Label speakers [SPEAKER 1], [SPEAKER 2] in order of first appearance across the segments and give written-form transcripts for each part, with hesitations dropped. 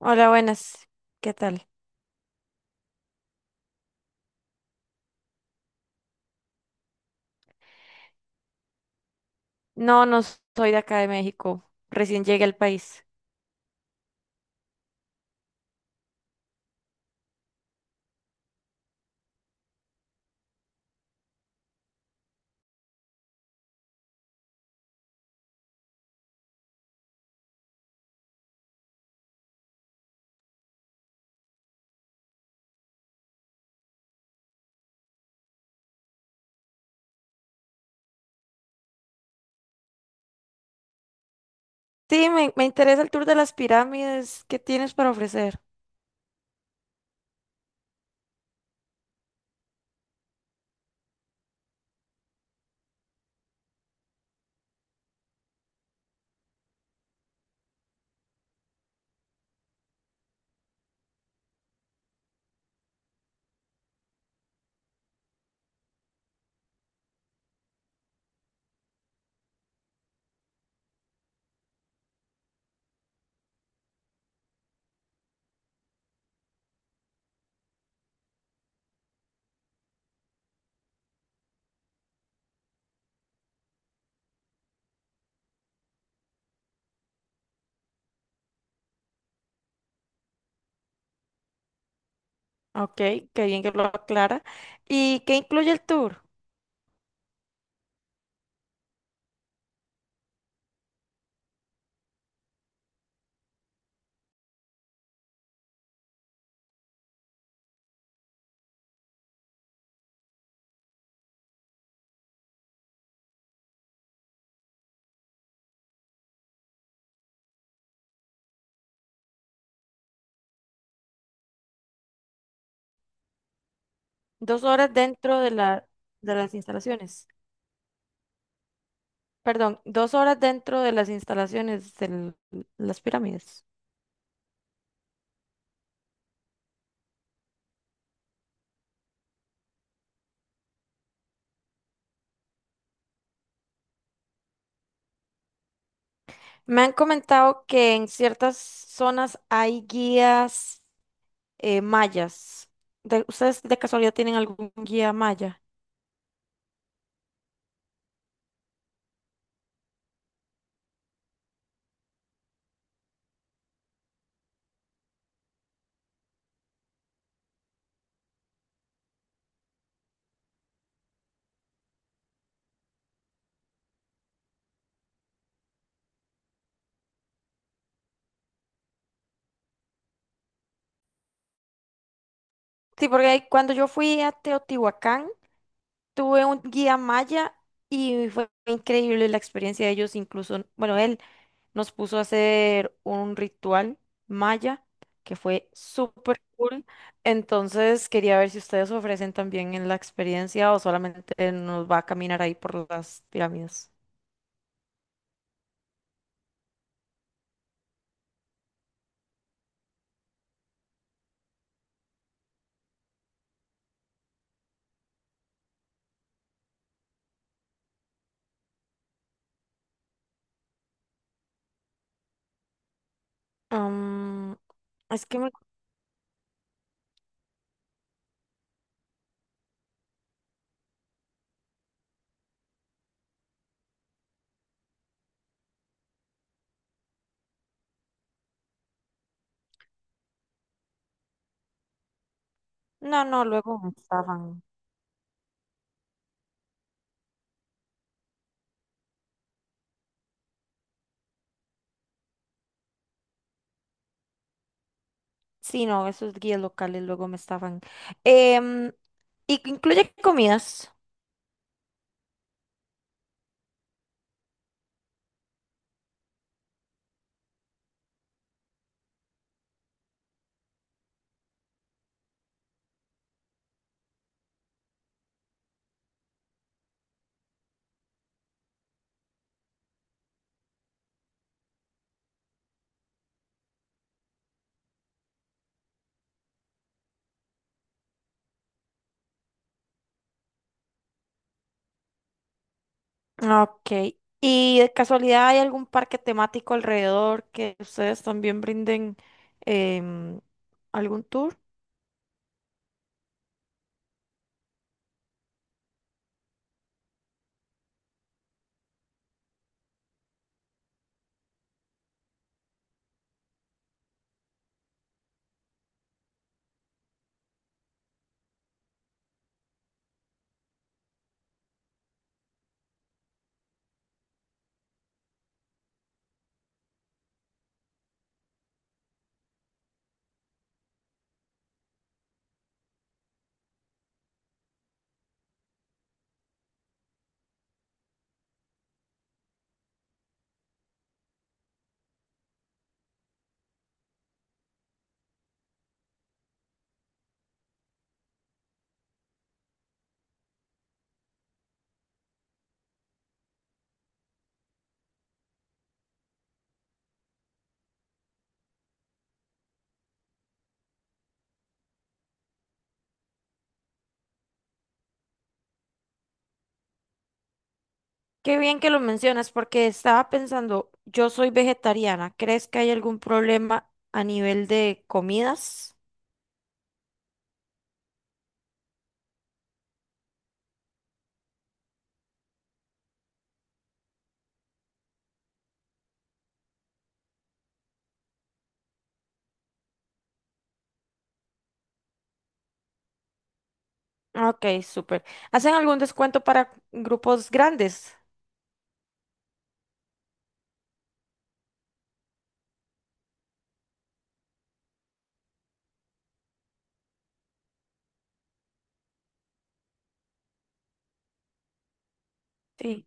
[SPEAKER 1] Hola, buenas. ¿Qué tal? No, no soy de acá de México. Recién llegué al país. Sí, me interesa el tour de las pirámides. ¿Qué tienes para ofrecer? Ok, qué bien que lo aclara. ¿Y qué incluye el tour? Dos horas dentro de la, de las instalaciones. Perdón, dos horas dentro de las instalaciones de las pirámides. Me han comentado que en ciertas zonas hay guías mayas. ¿Ustedes de casualidad tienen algún guía maya? Sí, porque ahí cuando yo fui a Teotihuacán, tuve un guía maya y fue increíble la experiencia de ellos. Incluso, bueno, él nos puso a hacer un ritual maya que fue súper cool. Entonces, quería ver si ustedes ofrecen también en la experiencia o solamente nos va a caminar ahí por las pirámides. Mm, es que No, no, luego me estaban. Sí, no, esos guías locales luego me estaban. Em, ¿Y incluye comidas? Ok. ¿Y de casualidad hay algún parque temático alrededor que ustedes también brinden em, algún tour? Qué bien que lo mencionas porque estaba pensando, yo soy vegetariana, ¿crees que hay algún problema a nivel de comidas? Ok, súper. ¿Hacen algún descuento para grupos grandes? Sí.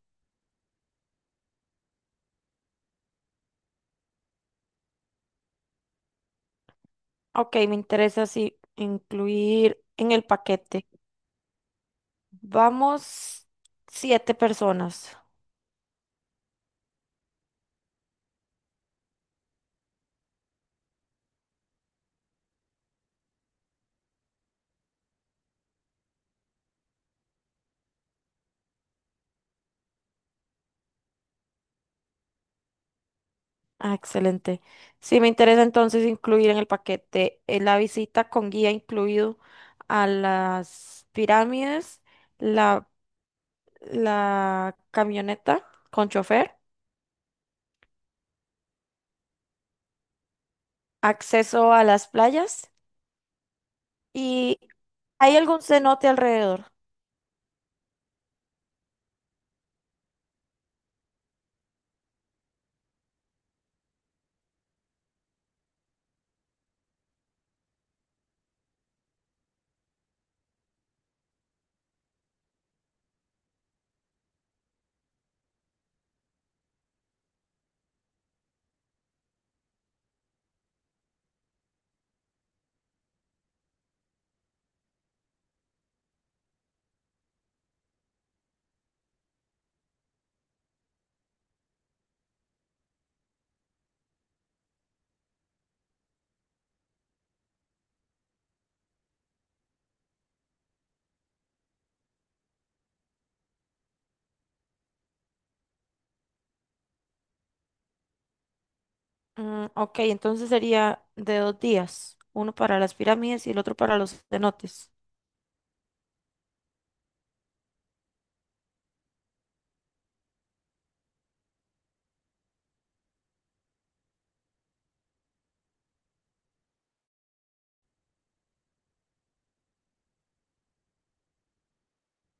[SPEAKER 1] Ok, me interesa sí incluir en el paquete. Vamos 7 personas. Ah, excelente. Sí, me interesa entonces incluir en el paquete la visita con guía incluido a las pirámides, la, la camioneta con chofer, acceso a las playas y ¿hay algún cenote alrededor? Ok, entonces sería de dos días, uno para las pirámides y el otro para los cenotes.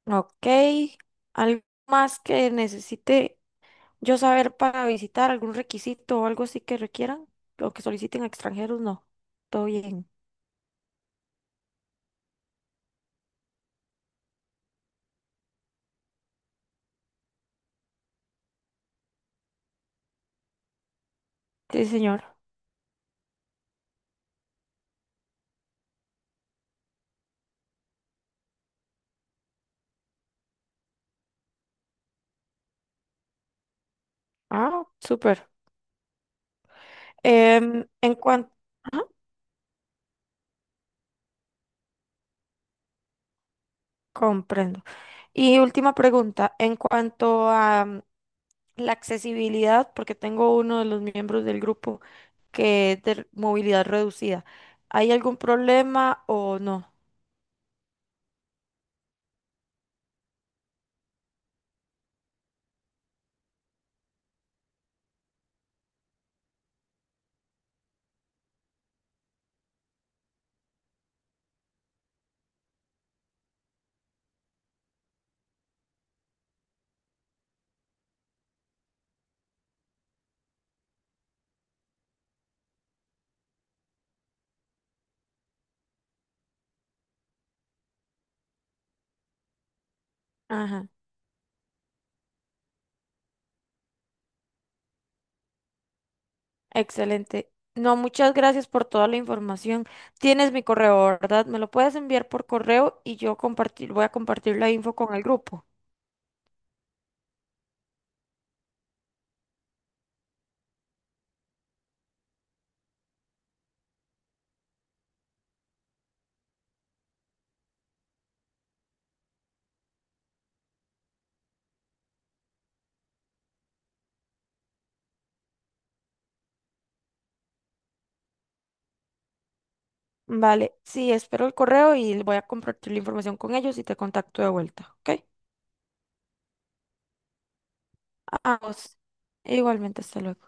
[SPEAKER 1] Ok, ¿algo más que necesite? Yo saber para visitar algún requisito o algo así que requieran o que soliciten a extranjeros, no. Todo bien. Sí, señor. Ah, súper. En cuanto... Comprendo. Y última pregunta, en cuanto a la accesibilidad, porque tengo uno de los miembros del grupo que es de movilidad reducida, ¿hay algún problema o no? Ajá. Excelente. No, muchas gracias por toda la información. Tienes mi correo, ¿verdad? Me lo puedes enviar por correo y yo compartir, voy a compartir la info con el grupo. Vale, sí, espero el correo y voy a compartir la información con ellos y te contacto de vuelta, ¿ok? A vos. Igualmente, hasta luego.